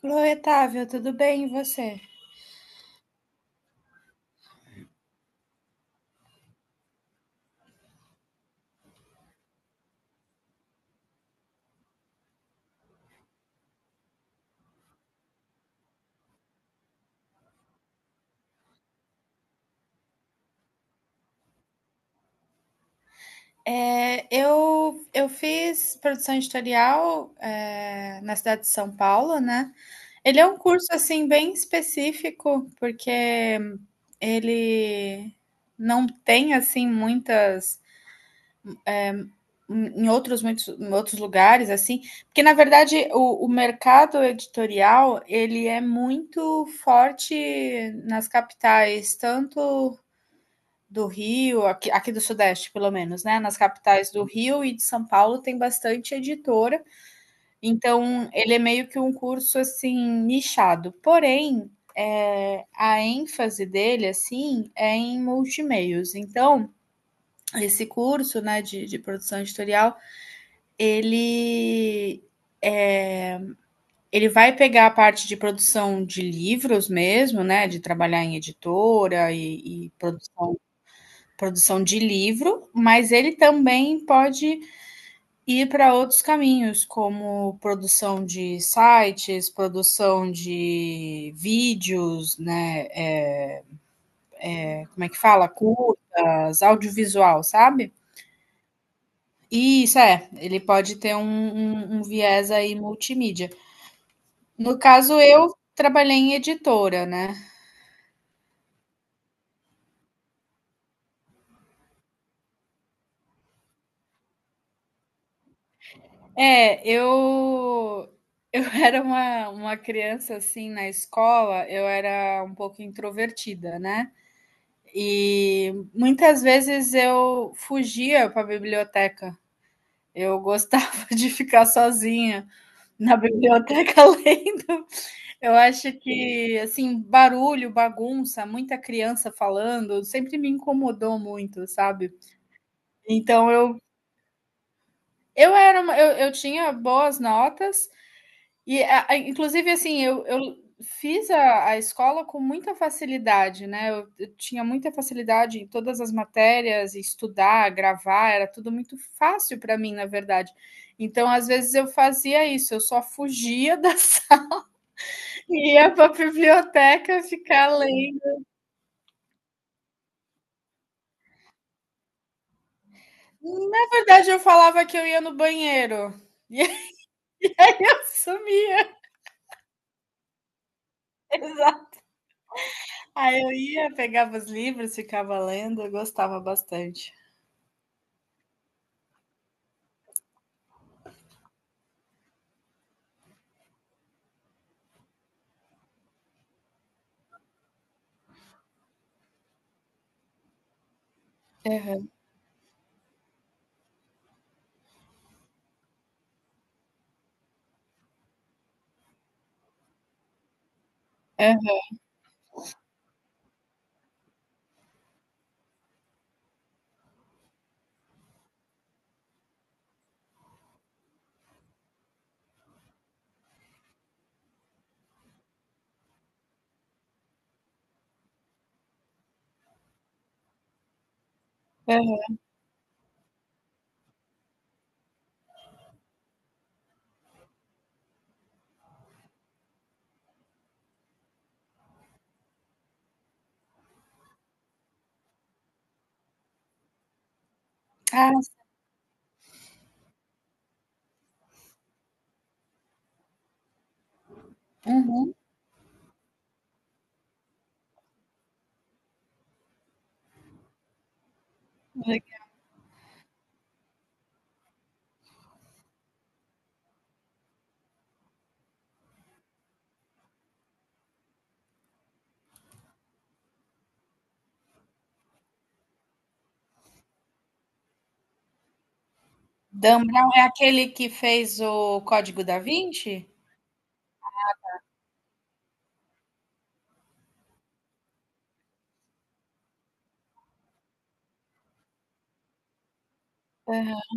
Chloe Otávio, tudo bem e você? Eu fiz produção editorial na cidade de São Paulo, né? Ele é um curso assim bem específico, porque ele não tem assim muitas em outros muitos em outros lugares assim, porque na verdade o mercado editorial ele é muito forte nas capitais, tanto do Rio, aqui, aqui do Sudeste, pelo menos, né? Nas capitais do Rio e de São Paulo tem bastante editora. Então, ele é meio que um curso assim nichado. Porém, a ênfase dele, assim, é em multimeios. Então, esse curso, né, de produção editorial, ele é, ele vai pegar a parte de produção de livros mesmo, né, de trabalhar em editora e produção de livro, mas ele também pode ir para outros caminhos, como produção de sites, produção de vídeos, né? É, como é que fala? Curtas, audiovisual, sabe? E isso é, ele pode ter um viés aí multimídia. No caso, eu trabalhei em editora, né? É, eu eu era uma criança, assim, na escola, eu era um pouco introvertida, né, e muitas vezes eu fugia para a biblioteca. Eu gostava de ficar sozinha na biblioteca lendo. Eu acho que, assim, barulho, bagunça, muita criança falando, sempre me incomodou muito, sabe. Então eu era uma eu tinha boas notas. E a inclusive, assim, eu fiz a escola com muita facilidade, né, eu tinha muita facilidade em todas as matérias, em estudar, gravar, era tudo muito fácil para mim, na verdade. Então, às vezes, eu fazia isso, eu só fugia da sala e ia para a biblioteca ficar lendo. Na verdade, eu falava que eu ia no banheiro e eu sumia. Exato. Aí eu ia, pegava os livros, ficava lendo, eu gostava bastante. Aham, aham. Ah, uhum. Dan Brown é aquele que fez o Código da Vinci? Aham.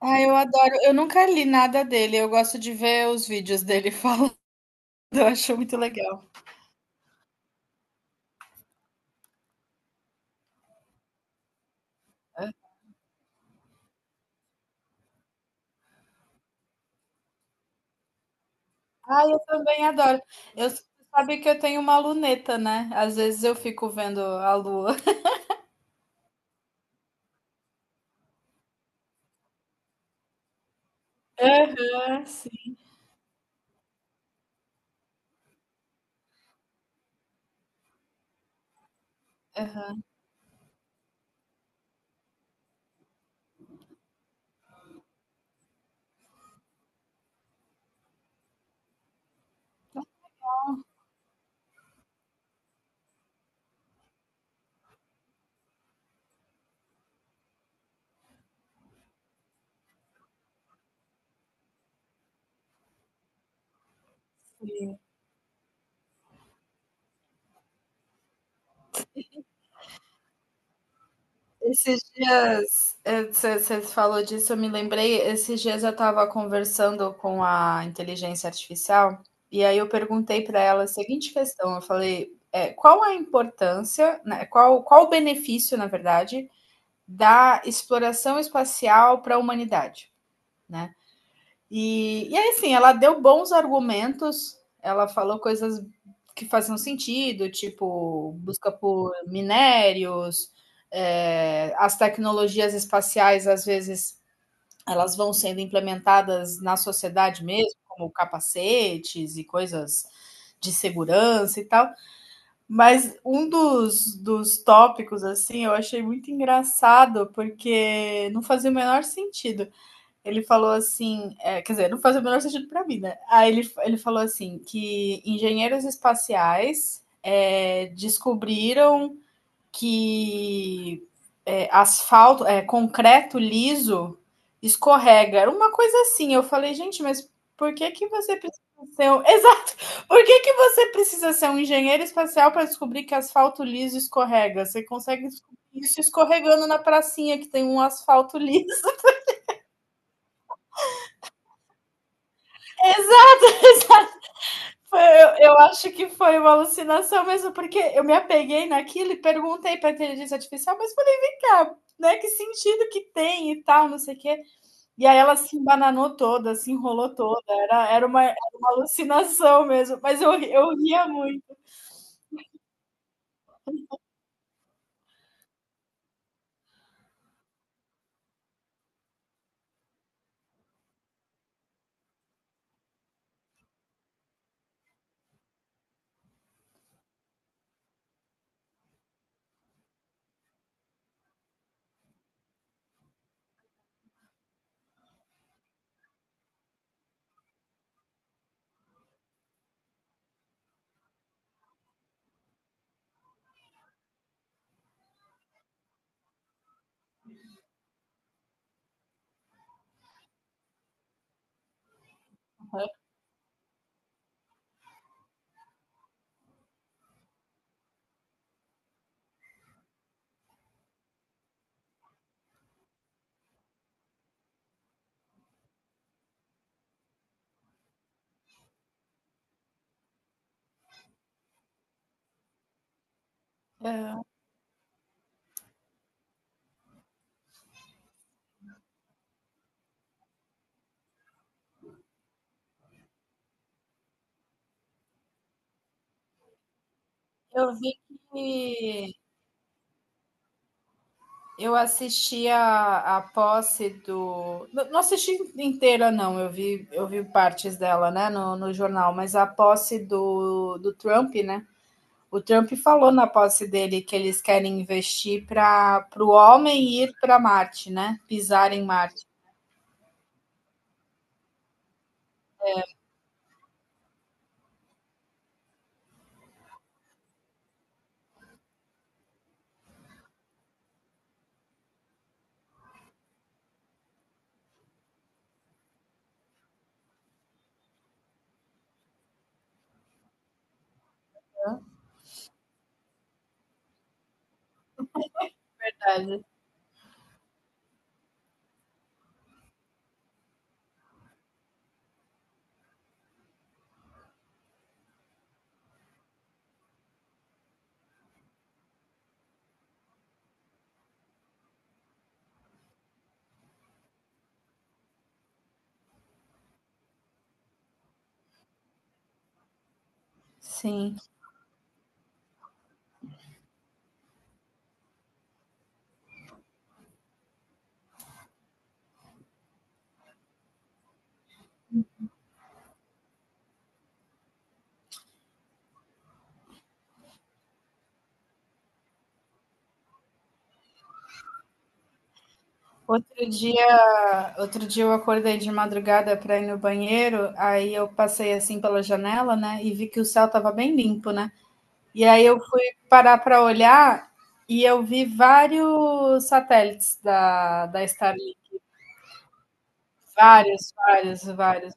Ah, eu adoro. Eu nunca li nada dele. Eu gosto de ver os vídeos dele falando. Eu acho muito legal. Ah, eu também adoro. Eu você sabe que eu tenho uma luneta, né? Às vezes eu fico vendo a lua. Aham, sim. Aham, sim. Esses dias, você falou disso, eu me lembrei. Esses dias eu estava conversando com a inteligência artificial e aí eu perguntei para ela a seguinte questão: eu falei, é, qual a importância, né, qual o benefício, na verdade, da exploração espacial para a humanidade? Né? E aí, sim, ela deu bons argumentos, ela falou coisas que faziam sentido, tipo busca por minérios, é, as tecnologias espaciais, às vezes, elas vão sendo implementadas na sociedade mesmo, como capacetes e coisas de segurança e tal. Mas um dos tópicos, assim, eu achei muito engraçado, porque não fazia o menor sentido ele falou assim, é, quer dizer, não faz o menor sentido para mim, né? Ele falou assim que engenheiros espaciais descobriram que asfalto, concreto liso escorrega. Era uma coisa assim. Eu falei, gente, mas por que que você precisa ser um... Exato! Por que que você precisa ser um engenheiro espacial para descobrir que asfalto liso escorrega? Você consegue descobrir isso escorregando na pracinha que tem um asfalto liso. Exato! Eu acho que foi uma alucinação mesmo, porque eu me apeguei naquilo e perguntei para a inteligência artificial, mas falei, vem cá, né? Que sentido que tem e tal, não sei o quê. E aí ela se embananou toda, se enrolou toda, era uma alucinação mesmo, mas eu ria muito. É, eu vi que eu assisti a posse do. Não assisti inteira, não. Eu vi partes dela, né, no jornal, mas a posse do Trump, né? O Trump falou na posse dele que eles querem investir para o homem ir para Marte, né? Pisar em Marte. Sim. Outro dia eu acordei de madrugada para ir no banheiro, aí eu passei assim pela janela, né, e vi que o céu estava bem limpo, né? E aí eu fui parar para olhar e eu vi vários satélites da Starlink, vários, vários, vários.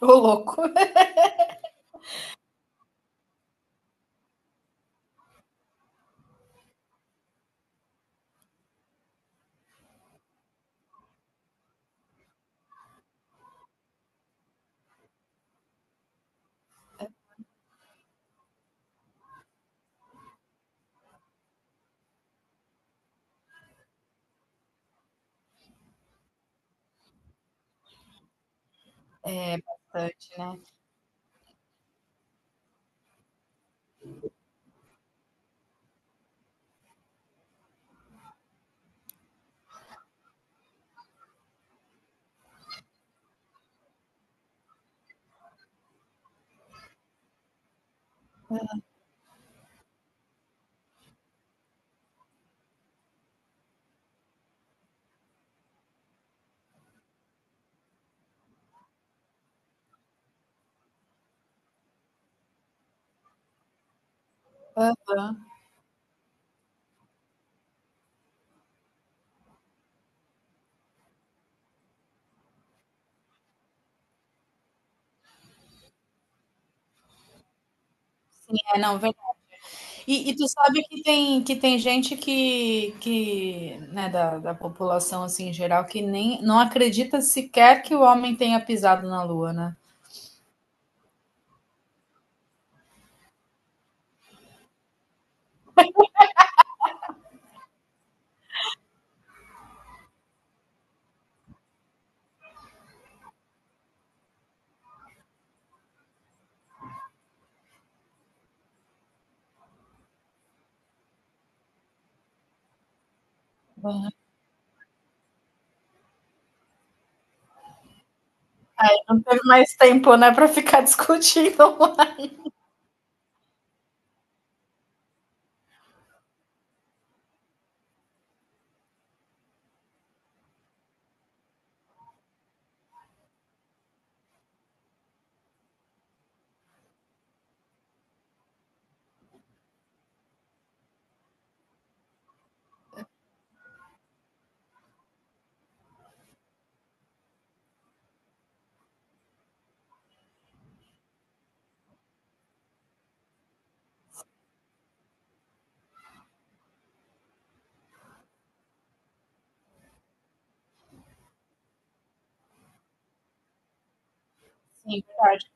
Ô, louco. Bastante, né? Uhum. É, não, verdade. Tu sabe que tem gente que né, da população assim, em geral que nem não acredita sequer que o homem tenha pisado na lua, né? Não teve mais tempo, né, para ficar discutindo. Sim, verdade.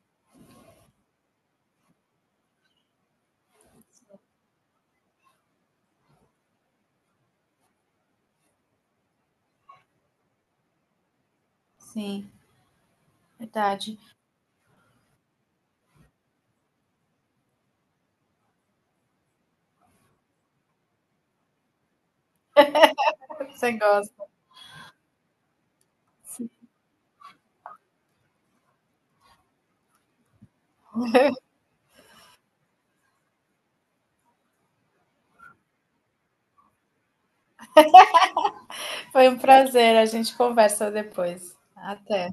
Sim, verdade. Você gosta. Foi um prazer. A gente conversa depois. Até.